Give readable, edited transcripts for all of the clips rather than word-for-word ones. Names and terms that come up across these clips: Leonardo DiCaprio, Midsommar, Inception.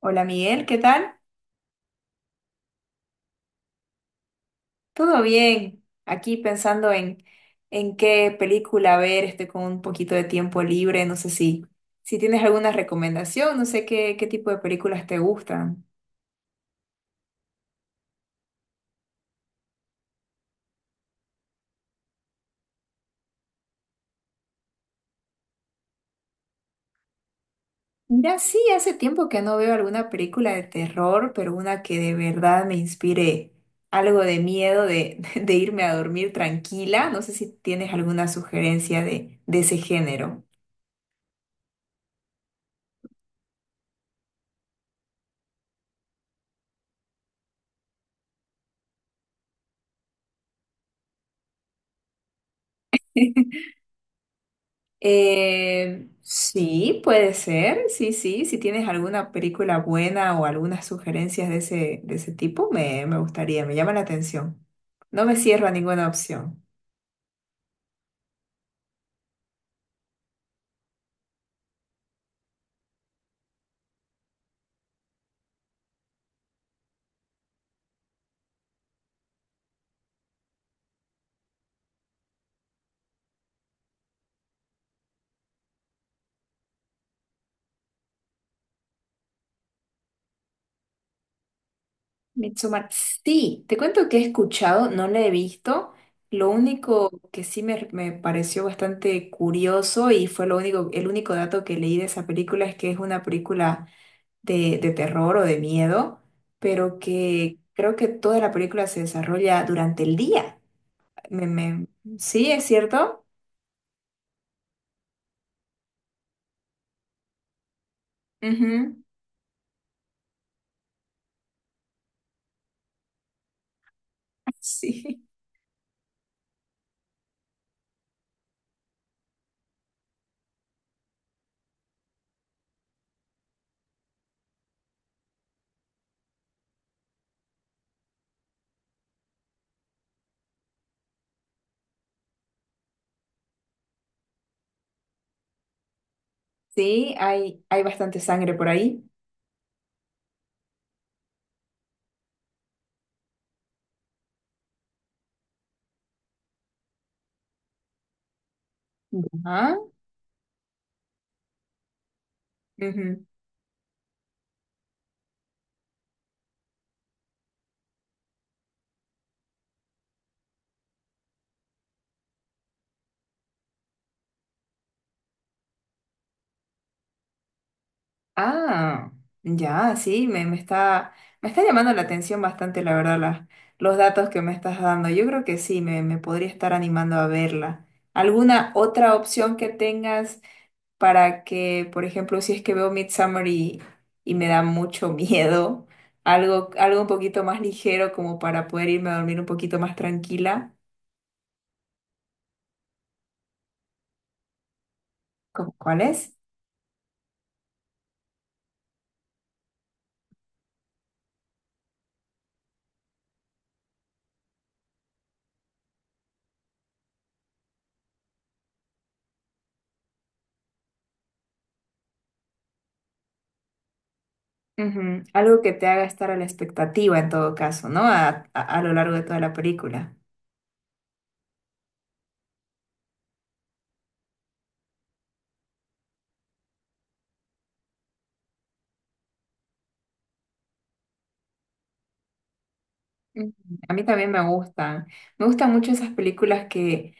Hola Miguel, ¿qué tal? ¿Todo bien? Aquí pensando en qué película ver. Estoy con un poquito de tiempo libre, no sé si tienes alguna recomendación, no sé qué tipo de películas te gustan. Mira, sí, hace tiempo que no veo alguna película de terror, pero una que de verdad me inspire algo de miedo de irme a dormir tranquila. No sé si tienes alguna sugerencia de ese género. Sí, puede ser, sí, sí. Si tienes alguna película buena o algunas sugerencias de ese tipo, me gustaría, me llama la atención. No me cierro a ninguna opción. Midsommar, sí, te cuento que he escuchado, no la he visto. Lo único que sí me pareció bastante curioso y fue lo único, el único dato que leí de esa película es que es una película de terror o de miedo, pero que creo que toda la película se desarrolla durante el día. Me, me- Sí, es cierto. Ujú. Sí. Sí, hay bastante sangre por ahí. Ajá. Ujú. Ah, ya, sí, me está llamando la atención bastante, la verdad, los datos que me estás dando. Yo creo que sí, me podría estar animando a verla. ¿Alguna otra opción que tengas? Para que, por ejemplo, si es que veo Midsommar y me da mucho miedo, algo un poquito más ligero como para poder irme a dormir un poquito más tranquila. Cuál es? Ujú. Algo que te haga estar a la expectativa en todo caso, ¿no? A lo largo de toda la película. Mm. A mí también me gustan. Me gustan mucho esas películas que,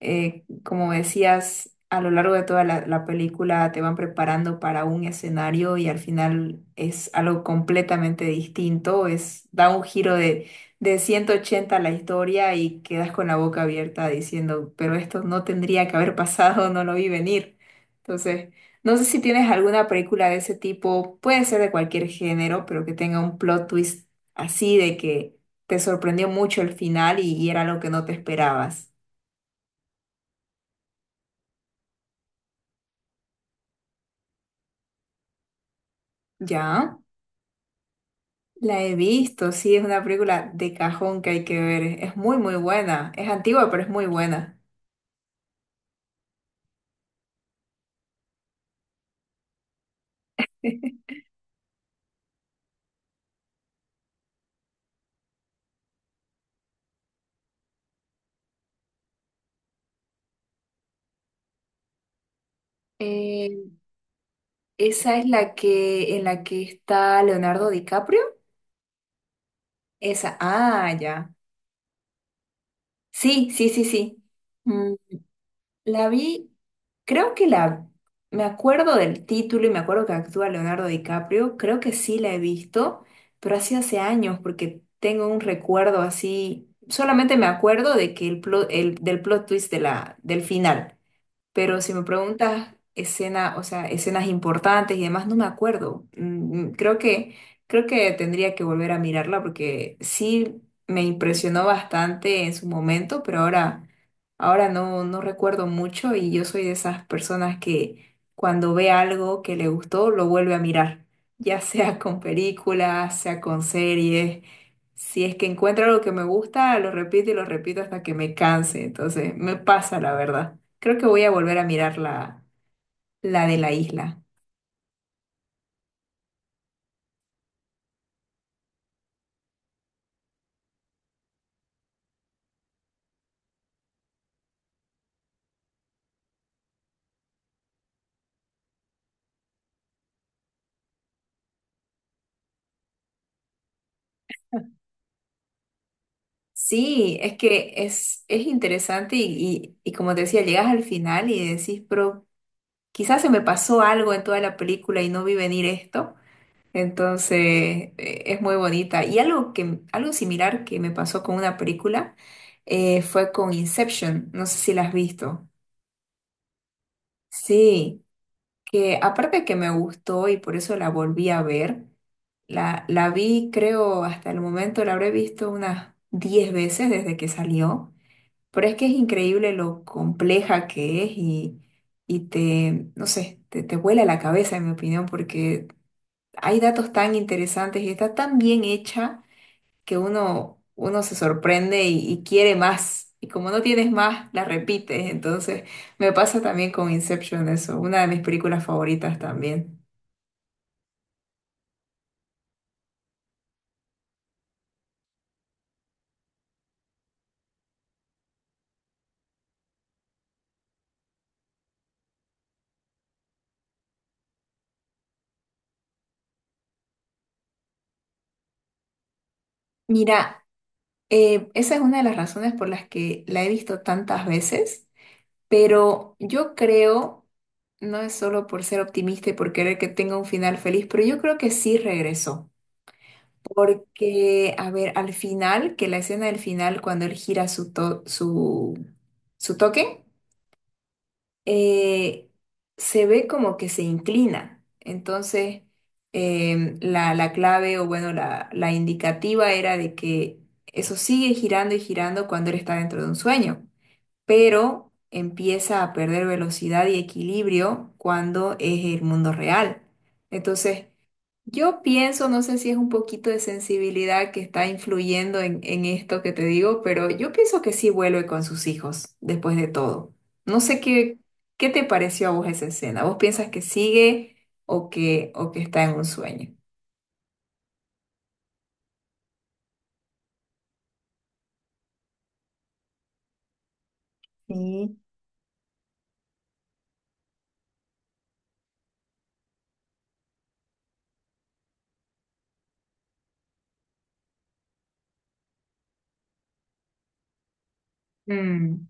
como decías, a lo largo de toda la película te van preparando para un escenario y al final es algo completamente distinto. Es, da un giro de 180 a la historia y quedas con la boca abierta diciendo, pero esto no tendría que haber pasado, no lo vi venir. Entonces, no sé si tienes alguna película de ese tipo, puede ser de cualquier género, pero que tenga un plot twist así de que te sorprendió mucho el final y era lo que no te esperabas. ¿Ya? La he visto, sí, es una película de cajón que hay que ver. Es muy, muy buena. Es antigua, pero es muy buena. Eh, Esa es la que en la que está Leonardo DiCaprio. Esa, ah, ya. Sí, sí, sí, sí. La vi, creo que me acuerdo del título y me acuerdo que actúa Leonardo DiCaprio, creo que sí la he visto, pero así hace años porque tengo un recuerdo así, solamente me acuerdo de que el del plot twist de del final. Pero si me preguntas escena, o sea, escenas importantes y demás, no me acuerdo. Creo que tendría que volver a mirarla porque sí me impresionó bastante en su momento, pero ahora no, no recuerdo mucho, y yo soy de esas personas que cuando ve algo que le gustó, lo vuelve a mirar, ya sea con películas, sea con series. Si es que encuentro algo que me gusta, lo repito y lo repito hasta que me canse. Entonces, me pasa la verdad. Creo que voy a volver a mirar la de la isla. Sí, es que es interesante y como te decía, llegas al final y decís, pero quizás se me pasó algo en toda la película y no vi venir esto. Entonces, es muy bonita. Y algo algo similar que me pasó con una película fue con Inception. No sé si la has visto. Sí. Que aparte que me gustó y por eso la volví a ver, la vi, creo, hasta el momento la habré visto unas 10 veces desde que salió, pero es que es increíble lo compleja que es no sé, te vuela la cabeza, en mi opinión, porque hay datos tan interesantes y está tan bien hecha que uno se sorprende y quiere más. Y como no tienes más, la repites. Entonces, me pasa también con Inception eso, una de mis películas favoritas también. Mira, esa es una de las razones por las que la he visto tantas veces, pero yo creo, no es solo por ser optimista y por querer que tenga un final feliz, pero yo creo que sí regresó. Porque, a ver, al final, que la escena del final, cuando él gira su toque, eh, se ve como que se inclina. Entonces, la clave o bueno, la indicativa era de que eso sigue girando y girando cuando él está dentro de un sueño, pero empieza a perder velocidad y equilibrio cuando es el mundo real. Entonces, yo pienso, no sé si es un poquito de sensibilidad que está influyendo en esto que te digo, pero yo pienso que sí vuelve con sus hijos después de todo. No sé qué te pareció a vos esa escena. ¿Vos piensas que sigue o o que está en un sueño? Sí. Mm.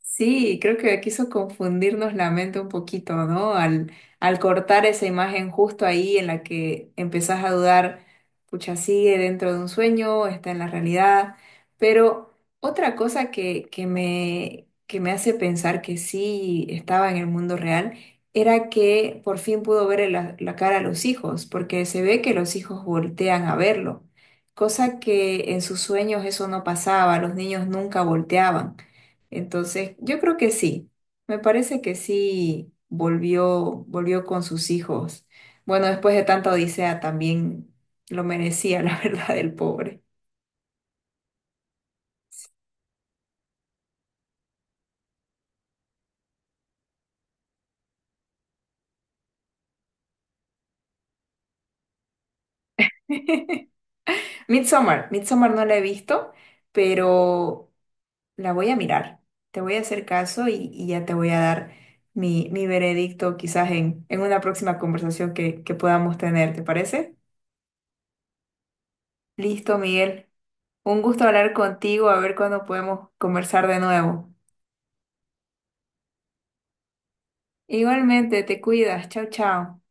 Sí, creo que quiso confundirnos la mente un poquito, ¿no? Al cortar esa imagen justo ahí en la que empezás a dudar, pucha, sigue dentro de un sueño, está en la realidad. Pero otra cosa que me hace pensar que sí estaba en el mundo real era que por fin pudo ver la cara a los hijos, porque se ve que los hijos voltean a verlo, cosa que en sus sueños eso no pasaba, los niños nunca volteaban. Entonces, yo creo que sí. Me parece que sí volvió, volvió con sus hijos. Bueno, después de tanta odisea también lo merecía, la verdad, el pobre. Midsommar, Midsommar no la he visto, pero la voy a mirar. Te voy a hacer caso y ya te voy a dar mi veredicto quizás en una próxima conversación que podamos tener, ¿te parece? Listo, Miguel. Un gusto hablar contigo, a ver cuándo podemos conversar de nuevo. Igualmente, te cuidas. Chao, chao.